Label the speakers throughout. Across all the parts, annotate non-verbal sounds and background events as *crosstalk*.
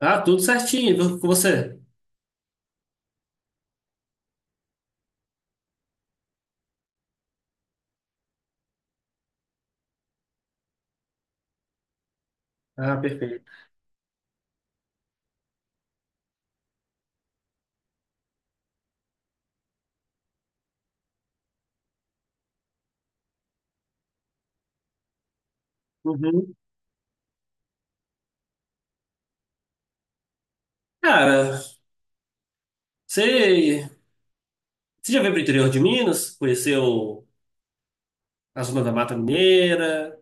Speaker 1: Ah, tudo certinho. E com você? Ah, perfeito. Uhum. Cara, você, você já veio pro interior de Minas? Conheceu a zona da Mata Mineira.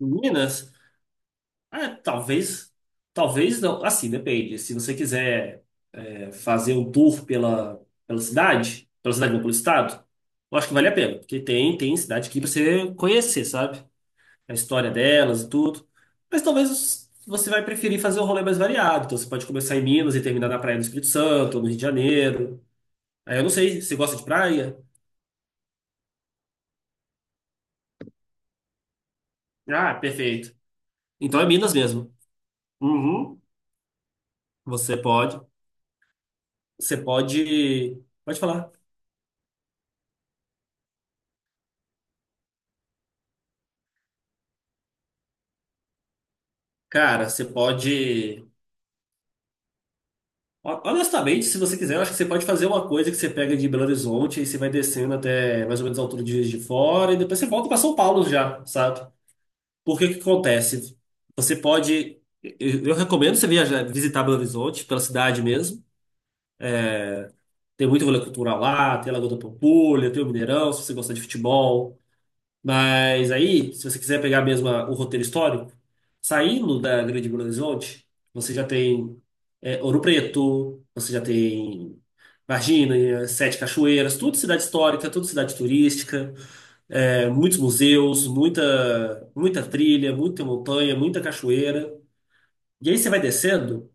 Speaker 1: Em Minas? Ah, talvez, talvez não. Assim, depende. Se você quiser fazer um tour pela, pela cidade não, pelo estado, eu acho que vale a pena, porque tem, tem cidade aqui pra você conhecer, sabe? A história delas e tudo. Mas talvez você vai preferir fazer um rolê mais variado. Então você pode começar em Minas e terminar na praia do Espírito Santo, ou no Rio de Janeiro. Aí eu não sei, você gosta de praia? Ah, perfeito. Então é Minas mesmo. Uhum. Você pode, você pode, pode falar. Cara, você pode, honestamente, se você quiser, eu acho que você pode fazer uma coisa que você pega de Belo Horizonte e você vai descendo até mais ou menos a altura de Juiz de Fora e depois você volta para São Paulo já, sabe? Porque o que acontece? Você pode. Eu recomendo você viajar, visitar Belo Horizonte, pela cidade mesmo. Tem muito rolê cultural lá, tem a Lagoa da Pampulha, tem o Mineirão, se você gosta de futebol. Mas aí, se você quiser pegar mesmo o roteiro histórico, saindo da Grande Belo Horizonte, você já tem Ouro Preto, você já tem Varginha, Sete Cachoeiras, tudo cidade histórica, tudo cidade turística. É, muitos museus, muita, muita trilha, muita montanha, muita cachoeira. E aí você vai descendo,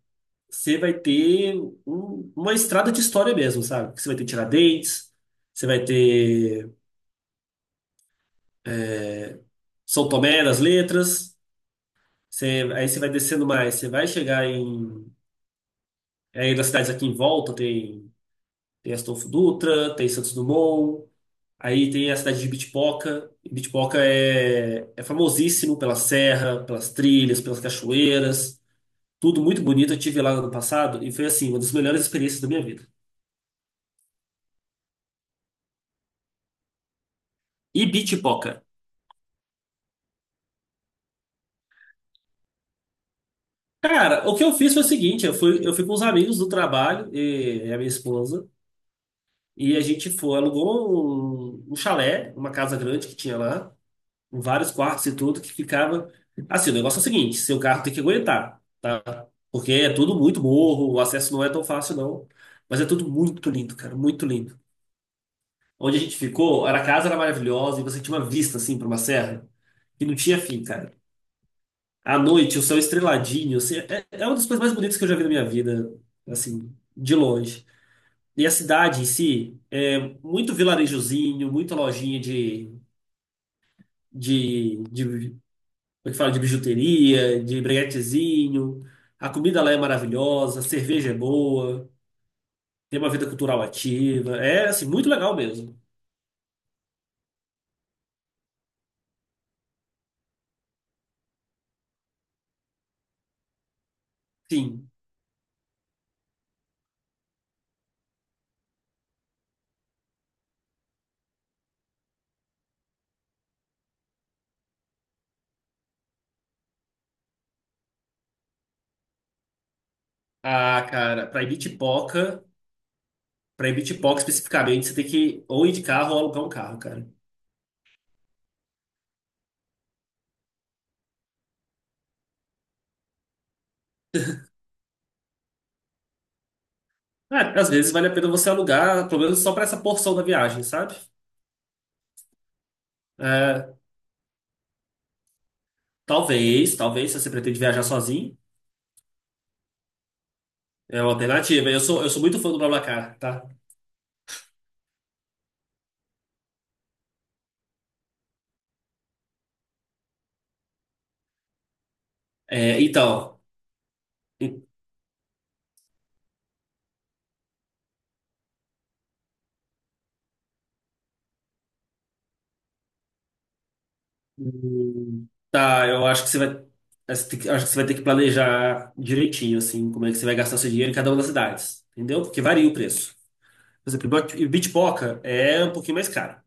Speaker 1: você vai ter uma estrada de história mesmo, sabe? Você vai ter Tiradentes, você vai ter São Tomé das Letras, aí você vai descendo mais, você vai chegar em... Aí nas cidades aqui em volta tem, tem Astolfo Dutra, tem Santos Dumont, aí tem a cidade de Bitipoca. E Bitipoca é, é famosíssimo pela serra, pelas trilhas, pelas cachoeiras, tudo muito bonito. Eu tive lá no ano passado e foi assim, uma das melhores experiências da minha vida. E Bitipoca. Cara, o que eu fiz foi o seguinte, eu fui com os amigos do trabalho e a minha esposa, e a gente foi, alugou um chalé, uma casa grande que tinha lá, com vários quartos e tudo, que ficava... Assim, o negócio é o seguinte, seu carro tem que aguentar, tá? Porque é tudo muito morro, o acesso não é tão fácil não, mas é tudo muito lindo, cara, muito lindo. Onde a gente ficou, era a casa era maravilhosa e você tinha uma vista, assim, para uma serra, que não tinha fim, cara. À noite, o céu estreladinho, assim, é uma das coisas mais bonitas que eu já vi na minha vida, assim, de longe. E a cidade em si é muito vilarejozinho, muita lojinha de como é que fala, de bijuteria, de breguetezinho. A comida lá é maravilhosa, a cerveja é boa, tem uma vida cultural ativa. É, assim, muito legal mesmo. Sim. Ah, cara, pra ir Bitipoca especificamente, você tem que ou ir de carro ou alugar um carro, cara. É, às vezes vale a pena você alugar, pelo menos só para essa porção da viagem, sabe? É, talvez, talvez, se você pretende viajar sozinho, é uma alternativa. Eu sou muito fã do BlaBlaCar, tá? É, então, e- tá, eu acho que você vai, acho que você vai ter que planejar direitinho, assim, como é que você vai gastar seu dinheiro em cada uma das cidades, entendeu? Porque varia o preço. Por exemplo, Ibitipoca é um pouquinho mais caro.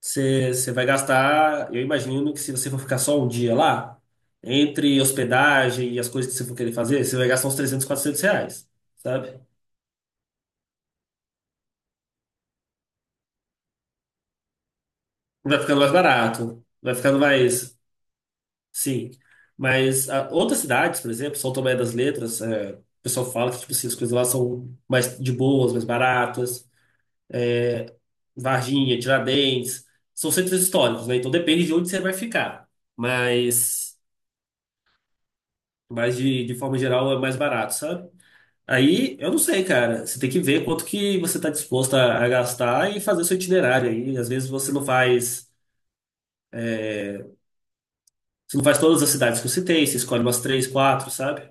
Speaker 1: Você vai gastar, eu imagino que se você for ficar só um dia lá, entre hospedagem e as coisas que você for querer fazer, você vai gastar uns 300, 400 reais, sabe? Vai ficando mais barato, vai ficando mais. Sim. Mas ah, outras cidades, por exemplo, São Tomé das Letras, é, o pessoal fala que tipo, assim, as coisas lá são mais de boas, mais baratas. Varginha, Tiradentes, são centros históricos, né? Então depende de onde você vai ficar. Mas, mas de forma geral, é mais barato, sabe? Aí, eu não sei, cara. Você tem que ver quanto que você está disposto a gastar e fazer o seu itinerário aí. Às vezes você não faz todas as cidades que eu citei, você escolhe umas três, quatro, sabe?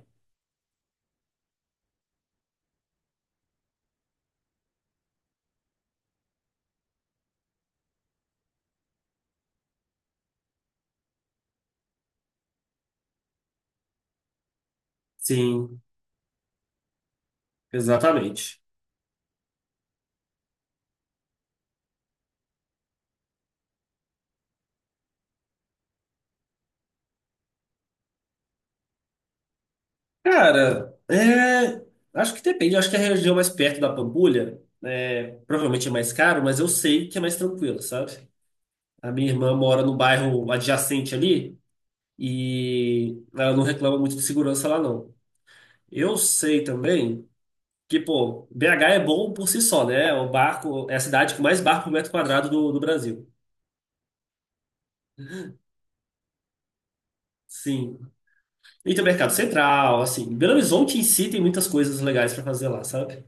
Speaker 1: Sim, exatamente. Cara, é, acho que depende. Acho que a região mais perto da Pampulha é, provavelmente é mais caro, mas eu sei que é mais tranquilo, sabe? A minha irmã mora no bairro adjacente ali e ela não reclama muito de segurança lá, não. Eu sei também. Que, pô, BH é bom por si só, né? É o barco, é a cidade com mais barco por metro quadrado do Brasil. Sim. E tem o Mercado Central, assim. Belo Horizonte em si tem muitas coisas legais pra fazer lá, sabe?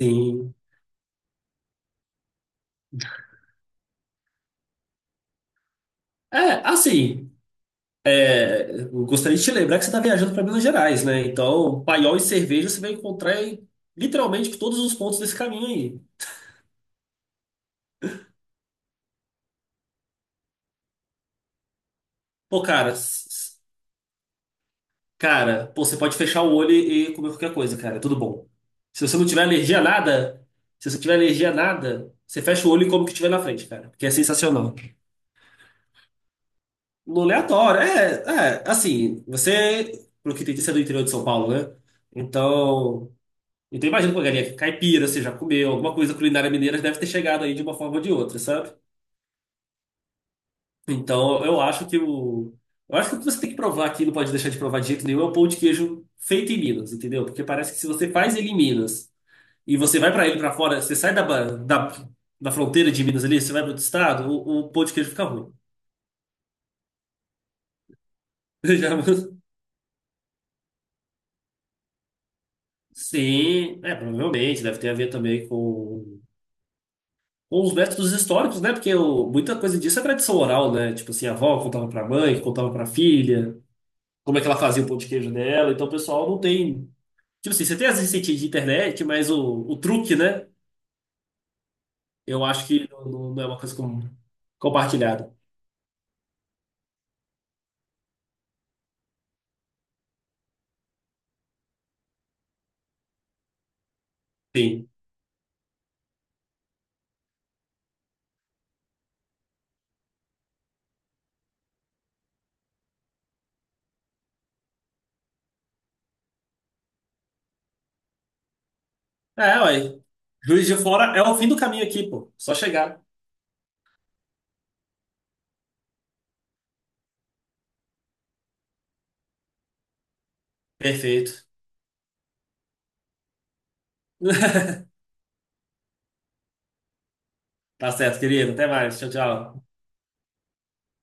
Speaker 1: Sim. É, assim, eu gostaria de te lembrar que você está viajando para Minas Gerais, né? Então, paiol e cerveja você vai encontrar em, literalmente todos os pontos desse caminho aí. Pô, cara, s- Cara, pô, você pode fechar o olho e comer qualquer coisa, cara. É tudo bom. Se você não tiver alergia a nada, se você tiver alergia a nada, você fecha o olho e come o que tiver na frente, cara. Porque é sensacional. No aleatório, assim, você, pelo que entendi, você é do interior de São Paulo, né? Então, então imagina que a galinha caipira, você já comeu, alguma coisa culinária mineira deve ter chegado aí de uma forma ou de outra, sabe? Então, eu acho que o. Eu acho que o que você tem que provar aqui, não pode deixar de provar de jeito nenhum, é o pão de queijo feito em Minas, entendeu? Porque parece que se você faz ele em Minas. E você vai para ele para fora, você sai da da fronteira de Minas ali, você vai para outro estado, o pão de queijo fica ruim. *laughs* Já- Sim, é, provavelmente, deve ter a ver também com os métodos históricos, né? Porque muita coisa disso é tradição oral, né? Tipo assim, a avó contava para a mãe, contava para a filha, como é que ela fazia o pão de queijo dela, então o pessoal não tem. Tipo assim, você tem as receitinhas de internet, mas o truque, né? Eu acho que não é uma coisa compartilhada. Sim. É, ué. Juiz de Fora é o fim do caminho aqui, pô. Só chegar. Perfeito. *laughs* Tá certo, querido. Até mais. Tchau, tchau.